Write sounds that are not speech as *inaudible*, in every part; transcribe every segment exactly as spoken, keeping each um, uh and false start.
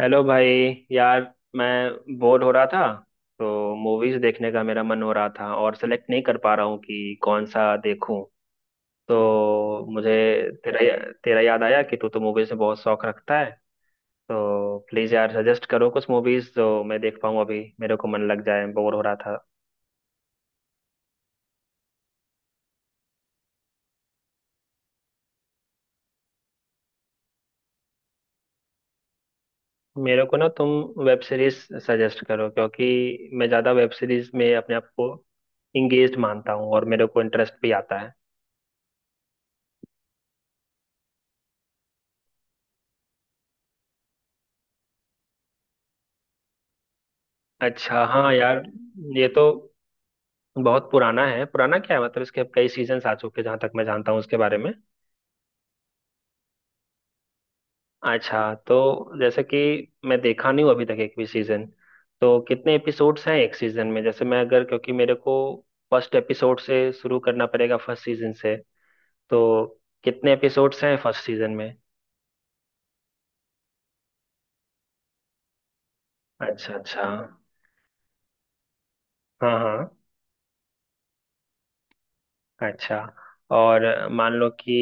Hello भाई। यार मैं बोर हो रहा था। तो मूवीज देखने का मेरा मन हो रहा था और सेलेक्ट नहीं कर पा रहा हूँ कि कौन सा देखूं। तो मुझे तेरा तेरा याद आया कि तू तो मूवीज में बहुत शौक रखता है। तो प्लीज यार सजेस्ट करो कुछ मूवीज जो मैं देख पाऊँ, अभी मेरे को मन लग जाए, बोर हो रहा था। मेरे को ना तुम वेब सीरीज सजेस्ट करो क्योंकि मैं ज्यादा वेब सीरीज में अपने आप को इंगेज मानता हूँ और मेरे को इंटरेस्ट भी आता है। अच्छा, हाँ यार, ये तो बहुत पुराना है, पुराना क्या है, मतलब इसके अब कई सीजन्स आ चुके हैं जहां तक मैं जानता हूँ उसके बारे में। अच्छा, तो जैसे कि मैं देखा नहीं हूँ अभी तक एक भी सीजन। तो कितने एपिसोड्स हैं एक सीजन में, जैसे मैं अगर, क्योंकि मेरे को फर्स्ट एपिसोड से शुरू करना पड़ेगा, फर्स्ट सीजन से। तो कितने एपिसोड्स हैं फर्स्ट सीजन में। अच्छा अच्छा। हाँ हाँ। अच्छा। और मान लो कि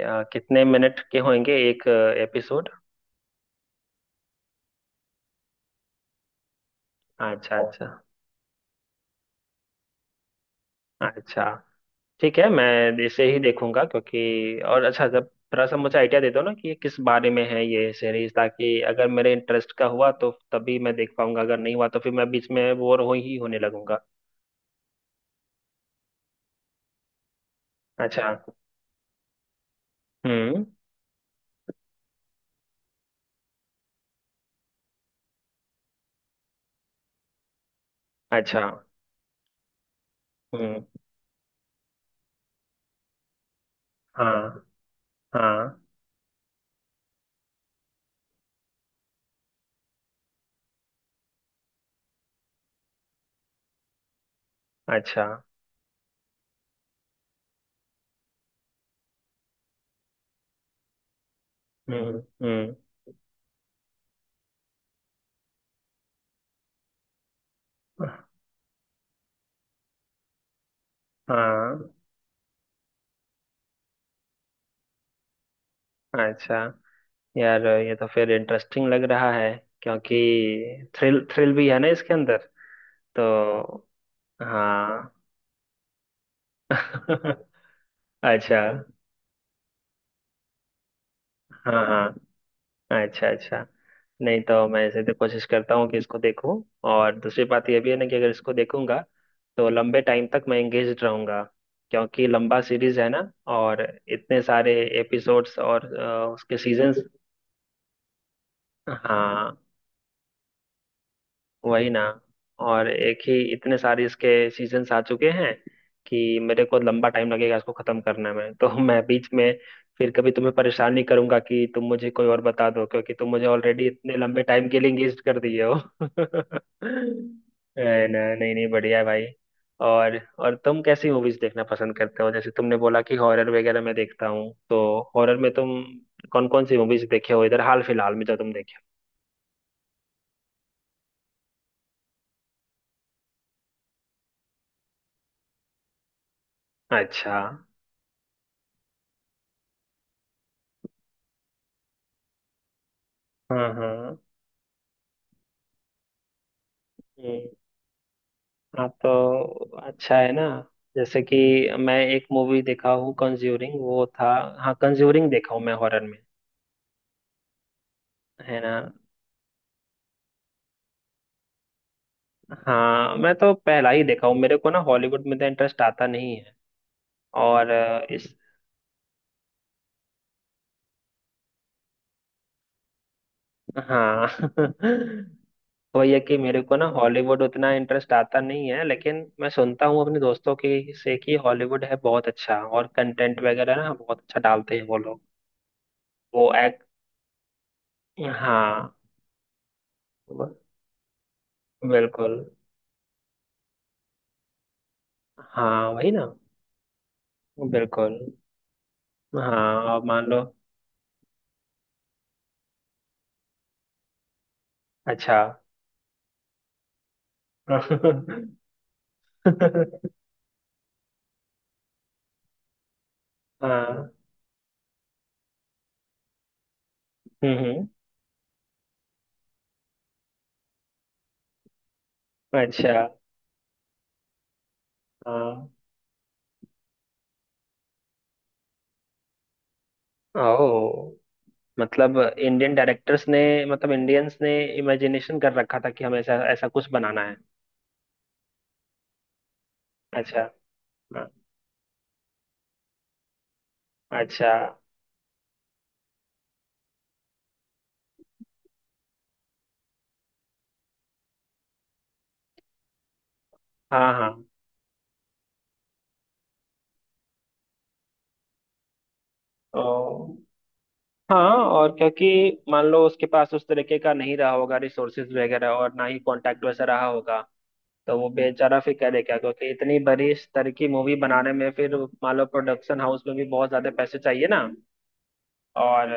अ, कितने मिनट के होंगे एक एपिसोड। अच्छा अच्छा। अच्छा। ठीक है, मैं इसे ही देखूंगा क्योंकि, और अच्छा, जब थोड़ा सा मुझे आइडिया दे दो ना कि ये किस बारे में है, ये सीरीज, ताकि अगर मेरे इंटरेस्ट का हुआ तो तभी मैं देख पाऊंगा, अगर नहीं हुआ तो फिर मैं बीच में बोर हो ही होने लगूंगा। अच्छा। हम्म। अच्छा। हम्म। हाँ हाँ। अच्छा। हम्म। हम्म। हाँ। अच्छा। यार ये तो फिर इंटरेस्टिंग लग रहा है क्योंकि थ्रिल थ्रिल भी है ना इसके अंदर। तो हाँ। *laughs* अच्छा। हाँ हाँ। अच्छा अच्छा। नहीं तो मैं ऐसे तो कोशिश करता हूँ कि इसको देखूं, और दूसरी बात यह भी है ना कि अगर इसको देखूंगा तो लंबे टाइम तक मैं एंगेज रहूंगा क्योंकि लंबा सीरीज है ना, और इतने सारे एपिसोड्स और अ, उसके सीजन्स। हाँ वही ना। और एक ही इतने सारे इसके सीजन्स आ चुके हैं कि मेरे को लंबा टाइम लगेगा इसको खत्म करने में, तो *laughs* मैं बीच में फिर कभी तुम्हें परेशान नहीं करूंगा कि तुम मुझे कोई और बता दो, क्योंकि तुम मुझे ऑलरेडी इतने लंबे टाइम के लिए एंगेज कर दिए हो। *laughs* है ना। नहीं नहीं, बढ़िया है भाई। और और तुम कैसी मूवीज देखना पसंद करते हो, जैसे तुमने बोला कि हॉरर वगैरह मैं देखता हूँ, तो हॉरर में तुम कौन कौन सी मूवीज देखे हो इधर हाल फिलहाल में जो तुम देखे हो। अच्छा। हाँ हाँ। हम्म। हाँ तो अच्छा है ना, जैसे कि मैं एक मूवी देखा हूँ कंज्यूरिंग, वो था। हाँ कंज्यूरिंग देखा हूँ मैं हॉरर में। है ना। हाँ मैं तो पहला ही देखा हूँ, मेरे को ना हॉलीवुड में तो इंटरेस्ट आता नहीं है। और अ, इस, हाँ। *laughs* वही है कि मेरे को ना हॉलीवुड उतना इंटरेस्ट आता नहीं है, लेकिन मैं सुनता हूँ अपने दोस्तों के से कि हॉलीवुड है बहुत अच्छा और कंटेंट वगैरह ना बहुत अच्छा डालते हैं वो लोग। वो एक्ट, हाँ। ब- बिल्कुल। हाँ वही ना। बिल्कुल। हाँ अब मान लो। अच्छा। *laughs* हाँ। हम्म। हम्म। अच्छा। हाँ। ओ। मतलब इंडियन डायरेक्टर्स ने, मतलब इंडियंस ने इमेजिनेशन कर रखा था कि हमें ऐसा ऐसा कुछ बनाना है। अच्छा। हाँ। अच्छा। हाँ हाँ। ओ। हाँ। और क्योंकि मान लो उसके पास उस तरीके का नहीं रहा होगा रिसोर्सेज वगैरह, और ना ही कांटेक्ट वैसा रहा होगा, तो वो बेचारा फिर करेगा क्योंकि इतनी बड़ी स्तर की मूवी बनाने में फिर, मान लो प्रोडक्शन हाउस में भी बहुत ज्यादा पैसे चाहिए ना। और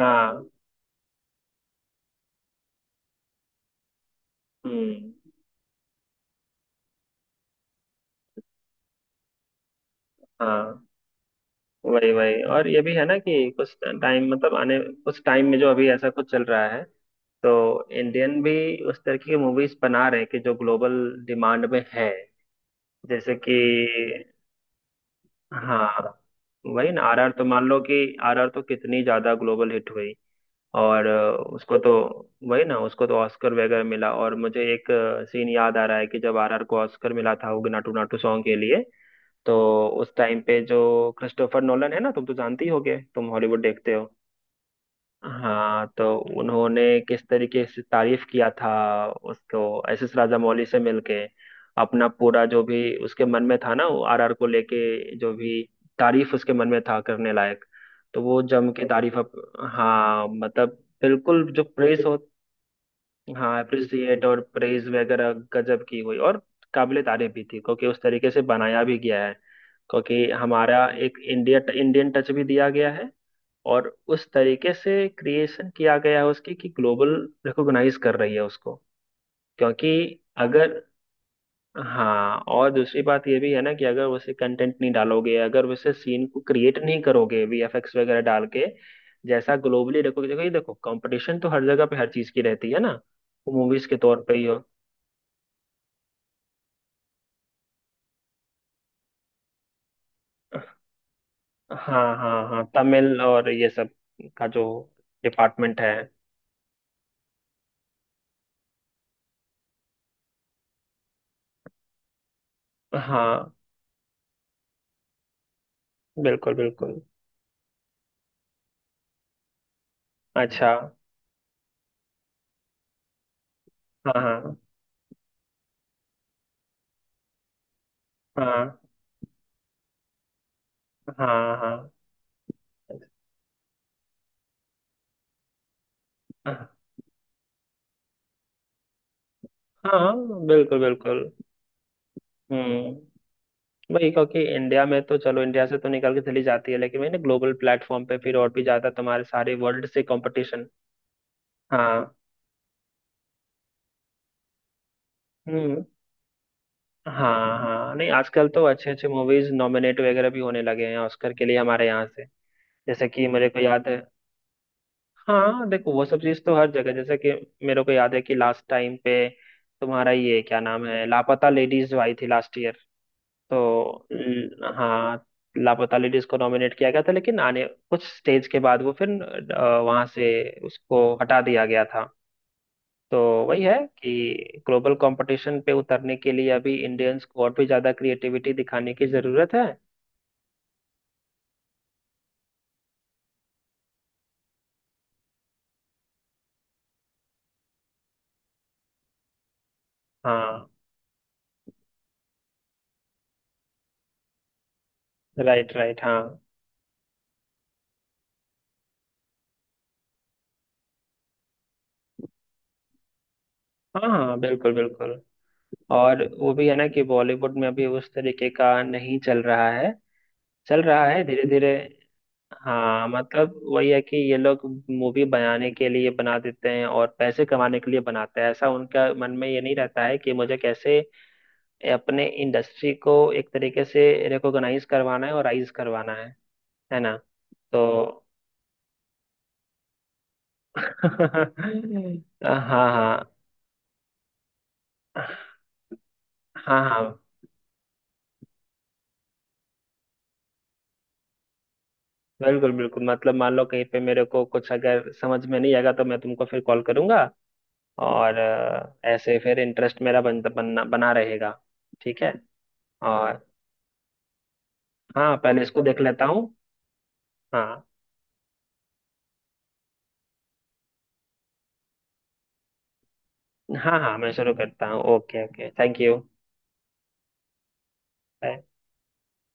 हाँ। हम्म। हाँ। वही वही और ये भी है ना कि कुछ टाइम मतलब आने कुछ टाइम में जो अभी ऐसा कुछ चल रहा है, तो इंडियन भी उस तरह की मूवीज बना रहे हैं कि जो ग्लोबल डिमांड में है। जैसे कि, हाँ वही ना। आरआर तो मान लो कि आरआर तो कितनी ज्यादा ग्लोबल हिट हुई, और अ, उसको तो वही ना, उसको तो ऑस्कर वगैरह मिला। और मुझे एक सीन याद आ रहा है कि जब आरआर को ऑस्कर मिला था उग नाटू नाटू सॉन्ग के लिए, तो उस टाइम पे जो क्रिस्टोफर नोलन है ना, तुम तो जानती होगे, तुम हॉलीवुड देखते हो। हाँ, तो उन्होंने किस तरीके से तारीफ किया था उसको, एस एस राजामौली से मिलके अपना पूरा जो भी उसके मन में था ना, वो आरआर को लेके जो भी तारीफ उसके मन में था करने लायक, तो वो जम के तारीफ अप, हाँ मतलब बिल्कुल जो प्रेज हो। हाँ अप्रिसिएट और प्रेज वगैरह गजब की हुई, और काबिले तारीफ भी थी क्योंकि उस तरीके से बनाया भी गया है, क्योंकि हमारा एक इंडिया इंडियन टच भी दिया गया है, और उस तरीके से क्रिएशन किया गया है उसकी कि ग्लोबल रिकॉग्नाइज कर रही है उसको, क्योंकि अगर, हाँ। और दूसरी बात ये भी है ना कि अगर वैसे कंटेंट नहीं डालोगे, अगर वैसे सीन को क्रिएट नहीं करोगे वीएफएक्स वगैरह डाल के जैसा ग्लोबली, देखो देखो ये देखो कंपटीशन तो हर जगह पे हर चीज की रहती है ना, वो मूवीज के तौर पे ही हो। हाँ हाँ हाँ, तमिल और ये सब का जो डिपार्टमेंट है। हाँ बिल्कुल बिल्कुल। अच्छा। हाँ हाँ हाँ हाँ हाँ हाँ बिल्कुल बिल्कुल। हम्म। वही, क्योंकि इंडिया में तो चलो इंडिया से तो निकल के चली जाती है, लेकिन मैंने ग्लोबल प्लेटफॉर्म पे फिर और भी ज्यादा तुम्हारे सारे वर्ल्ड से कंपटीशन। हाँ। हम्म। हाँ हाँ, नहीं आजकल तो अच्छे अच्छे मूवीज नॉमिनेट वगैरह भी होने लगे हैं ऑस्कर के लिए हमारे यहाँ से, जैसे कि मेरे को याद है। हाँ देखो, वो सब चीज तो हर जगह, जैसे कि मेरे को याद है कि लास्ट टाइम पे तुम्हारा ये क्या नाम है, लापता लेडीज आई थी लास्ट ईयर, तो ल- हाँ लापता लेडीज को नॉमिनेट किया गया था, लेकिन आने कुछ स्टेज के बाद वो फिर वहां से उसको हटा दिया गया था। तो वही है कि ग्लोबल कंपटीशन पे उतरने के लिए अभी इंडियंस को और भी ज्यादा क्रिएटिविटी दिखाने की जरूरत है। हाँ। Right right. हाँ हाँ हाँ बिल्कुल बिल्कुल। और वो भी है ना कि बॉलीवुड में अभी उस तरीके का नहीं चल रहा है, चल रहा है धीरे धीरे। हाँ मतलब वही है कि ये लोग मूवी बनाने के लिए बना देते हैं और पैसे कमाने के लिए बनाते हैं, ऐसा उनका मन में ये नहीं रहता है कि मुझे कैसे अपने इंडस्ट्री को एक तरीके से रिकॉग्नाइज करवाना है और राइज करवाना है है ना। तो *laughs* हाँ हाँ हाँ हाँ बिल्कुल बिल्कुल, मतलब मान लो कहीं पे मेरे को कुछ अगर समझ में नहीं आएगा तो मैं तुमको फिर कॉल करूंगा, और अ, ऐसे फिर इंटरेस्ट मेरा बन, बनना बना रहेगा। ठीक है। और हाँ, पहले इसको देख लेता हूँ। हाँ हाँ, हाँ मैं शुरू करता हूँ। Okay okay, thank you.